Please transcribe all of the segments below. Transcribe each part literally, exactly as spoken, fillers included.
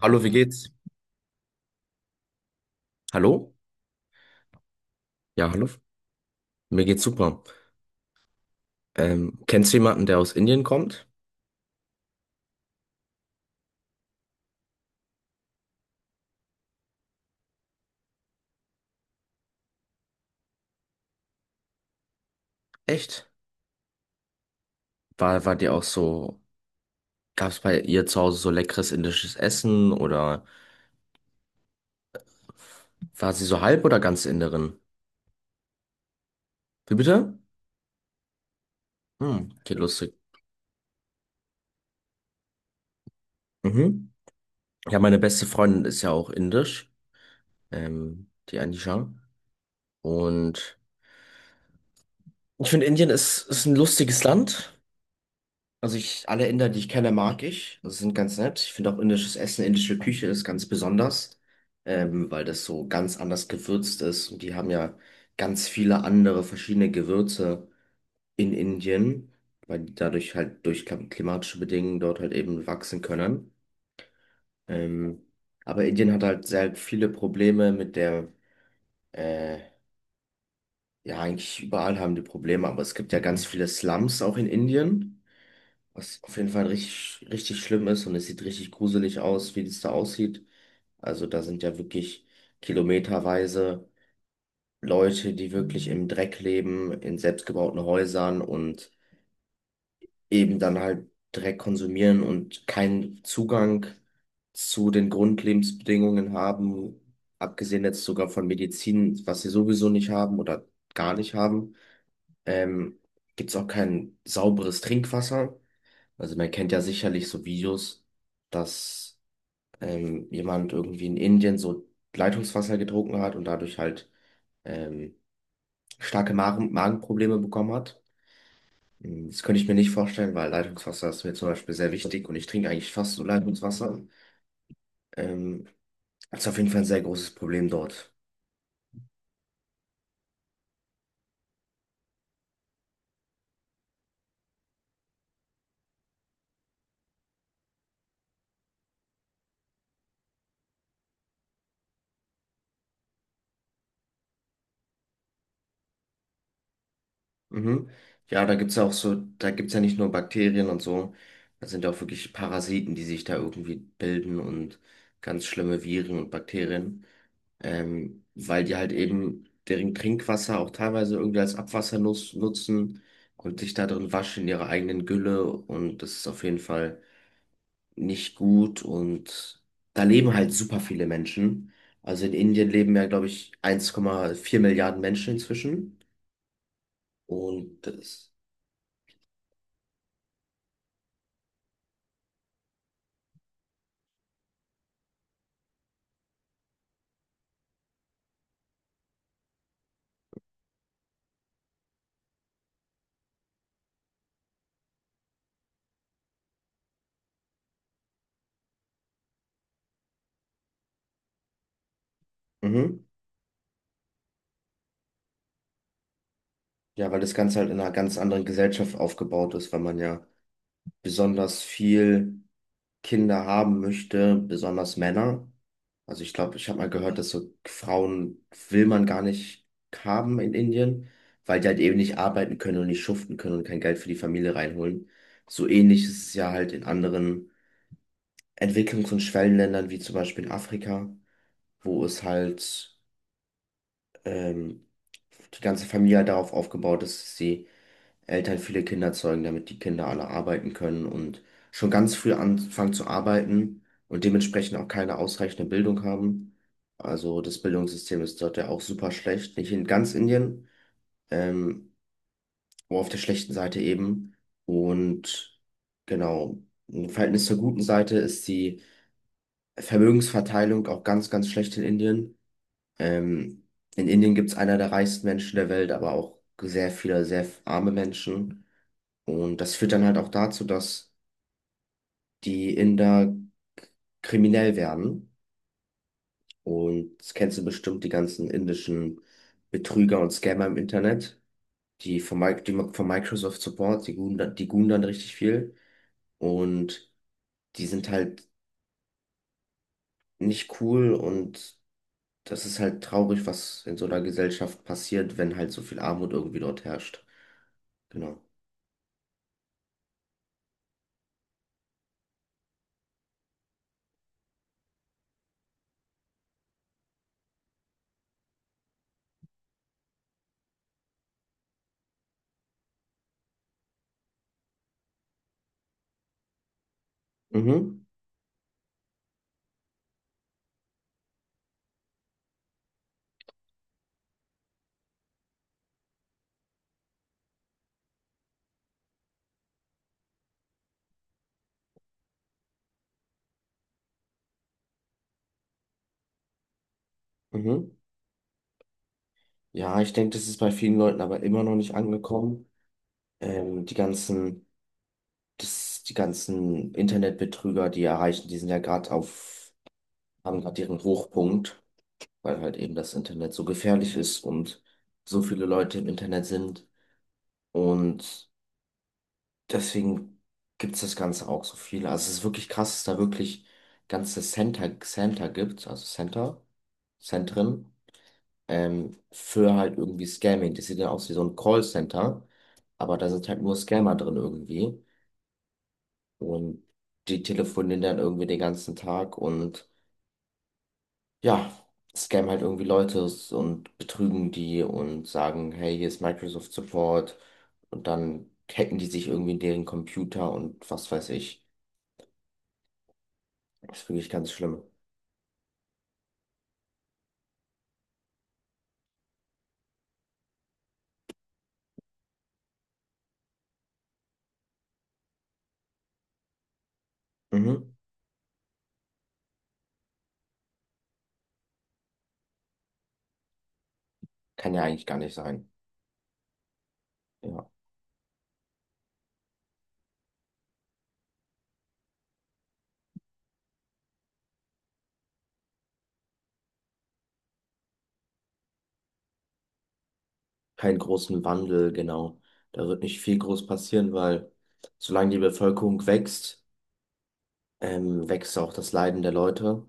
Hallo, wie geht's? Hallo? Ja, hallo. Mir geht's super. Ähm, kennst du jemanden, der aus Indien kommt? Echt? War, war dir auch so, gab's bei ihr zu Hause so leckeres indisches Essen, oder war sie so halb oder ganz Inderin? Wie bitte? Hm, okay, lustig. Mhm. Ja, meine beste Freundin ist ja auch indisch, ähm, die Anisha. Und ich finde, Indien ist, ist ein lustiges Land. Also ich, alle Inder, die ich kenne, mag ich. Das sind ganz nett. Ich finde auch indisches Essen, indische Küche ist ganz besonders, ähm, weil das so ganz anders gewürzt ist. Und die haben ja ganz viele andere verschiedene Gewürze in Indien, weil die dadurch halt durch klim- klimatische Bedingungen dort halt eben wachsen können. Ähm, aber Indien hat halt sehr viele Probleme mit der, äh, ja, eigentlich überall haben die Probleme, aber es gibt ja ganz viele Slums auch in Indien. Was auf jeden Fall richtig, richtig schlimm ist, und es sieht richtig gruselig aus, wie das da aussieht. Also da sind ja wirklich kilometerweise Leute, die wirklich im Dreck leben, in selbstgebauten Häusern, und eben dann halt Dreck konsumieren und keinen Zugang zu den Grundlebensbedingungen haben, abgesehen jetzt sogar von Medizin, was sie sowieso nicht haben oder gar nicht haben. Ähm, Gibt es auch kein sauberes Trinkwasser. Also man kennt ja sicherlich so Videos, dass ähm, jemand irgendwie in Indien so Leitungswasser getrunken hat und dadurch halt ähm, starke Magen Magenprobleme bekommen hat. Mm, Das könnte ich mir nicht vorstellen, weil Leitungswasser ist mir zum Beispiel sehr wichtig und ich trinke eigentlich fast so Leitungswasser. Ähm, Das ist auf jeden Fall ein sehr großes Problem dort. Mhm. Ja, da gibt's ja auch so, da gibt's ja nicht nur Bakterien und so, da sind ja auch wirklich Parasiten, die sich da irgendwie bilden, und ganz schlimme Viren und Bakterien. Ähm, weil die halt eben deren Trinkwasser auch teilweise irgendwie als Abwasser nus- nutzen und sich da drin waschen in ihrer eigenen Gülle, und das ist auf jeden Fall nicht gut, und da leben halt super viele Menschen. Also in Indien leben ja, glaube ich, eins Komma vier Milliarden Menschen inzwischen und das, mhm. Ja, weil das Ganze halt in einer ganz anderen Gesellschaft aufgebaut ist, weil man ja besonders viel Kinder haben möchte, besonders Männer. Also ich glaube, ich habe mal gehört, dass so Frauen will man gar nicht haben in Indien, weil die halt eben nicht arbeiten können und nicht schuften können und kein Geld für die Familie reinholen. So ähnlich ist es ja halt in anderen Entwicklungs- und Schwellenländern, wie zum Beispiel in Afrika, wo es halt ähm, die ganze Familie halt darauf aufgebaut ist, dass sie Eltern viele Kinder zeugen, damit die Kinder alle arbeiten können und schon ganz früh anfangen zu arbeiten und dementsprechend auch keine ausreichende Bildung haben. Also das Bildungssystem ist dort ja auch super schlecht, nicht in ganz Indien, ähm, aber auf der schlechten Seite eben. Und genau, im Verhältnis zur guten Seite ist die Vermögensverteilung auch ganz, ganz schlecht in Indien. Ähm, in Indien gibt es einer der reichsten Menschen der Welt, aber auch sehr viele, sehr arme Menschen. Und das führt dann halt auch dazu, dass die Inder k- kriminell werden. Und das kennst du bestimmt, die ganzen indischen Betrüger und Scammer im Internet, die von, Mi- die von Microsoft Support, die guhen, dann- die guhen dann richtig viel. Und die sind halt nicht cool, und das ist halt traurig, was in so einer Gesellschaft passiert, wenn halt so viel Armut irgendwie dort herrscht. Genau. Mhm, mhm. Ja, ich denke, das ist bei vielen Leuten aber immer noch nicht angekommen. Ähm, die ganzen das, die ganzen Internetbetrüger, die erreichen, die sind ja gerade auf, haben gerade ihren Hochpunkt, weil halt eben das Internet so gefährlich ist und so viele Leute im Internet sind. Und deswegen gibt es das Ganze auch so viele. Also es ist wirklich krass, dass da wirklich ganze Center, Center gibt, also Center, Zentren, ähm, für halt irgendwie Scamming. Das sieht dann aus wie so ein Callcenter, aber da sind halt nur Scammer drin irgendwie. Und die telefonieren dann irgendwie den ganzen Tag, und ja, scammen halt irgendwie Leute und betrügen die und sagen, hey, hier ist Microsoft Support. Und dann hacken die sich irgendwie in deren Computer und was weiß ich. Das ist wirklich ganz schlimm. Mhm. Kann ja eigentlich gar nicht sein. Ja. Keinen großen Wandel, genau. Da wird nicht viel groß passieren, weil solange die Bevölkerung wächst, ähm, wächst auch das Leiden der Leute.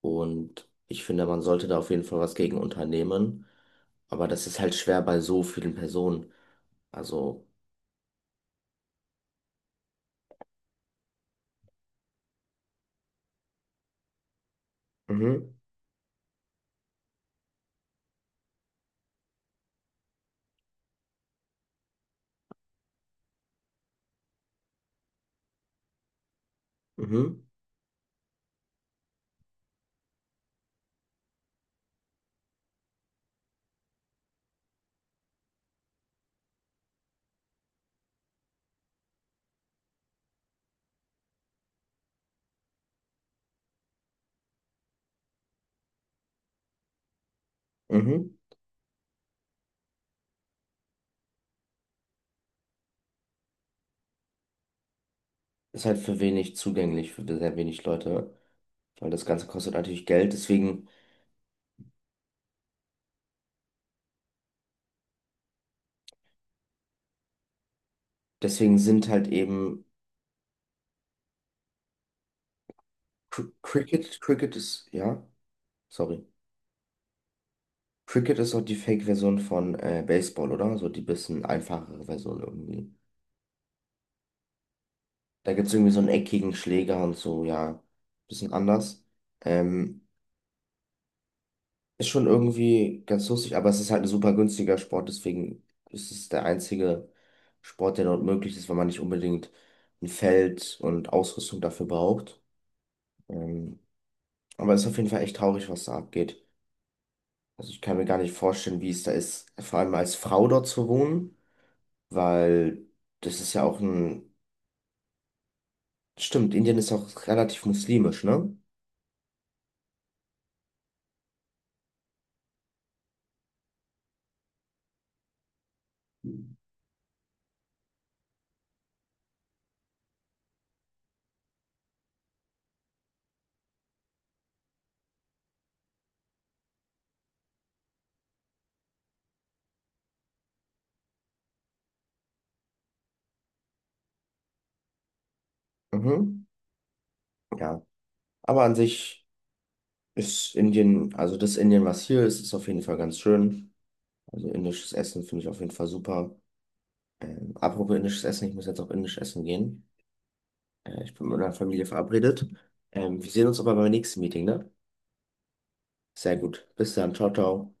Und ich finde, man sollte da auf jeden Fall was gegen unternehmen. Aber das ist halt schwer bei so vielen Personen. Also, mhm, mhm, mhm. Ist halt für wenig zugänglich, für sehr wenig Leute, weil das Ganze kostet natürlich Geld. Deswegen, deswegen sind halt eben Cr- Cricket, Cricket ist, ja, sorry. Cricket ist auch die Fake-Version von äh, Baseball, oder? So die bisschen einfachere Version irgendwie. Da gibt es irgendwie so einen eckigen Schläger und so, ja, bisschen anders. Ähm, Ist schon irgendwie ganz lustig, aber es ist halt ein super günstiger Sport, deswegen ist es der einzige Sport, der dort möglich ist, weil man nicht unbedingt ein Feld und Ausrüstung dafür braucht. Ähm, aber es ist auf jeden Fall echt traurig, was da abgeht. Also ich kann mir gar nicht vorstellen, wie es da ist, vor allem als Frau dort zu wohnen, weil das ist ja auch ein... Stimmt, Indien ist auch relativ muslimisch, ne? Mhm, ja. Aber an sich ist Indien, also das Indien, was hier ist, ist auf jeden Fall ganz schön. Also indisches Essen finde ich auf jeden Fall super. Ähm, apropos indisches Essen, ich muss jetzt auch indisch essen gehen. Äh, ich bin mit meiner Familie verabredet. Ähm, wir sehen uns aber beim nächsten Meeting, ne? Sehr gut. Bis dann. Ciao, ciao.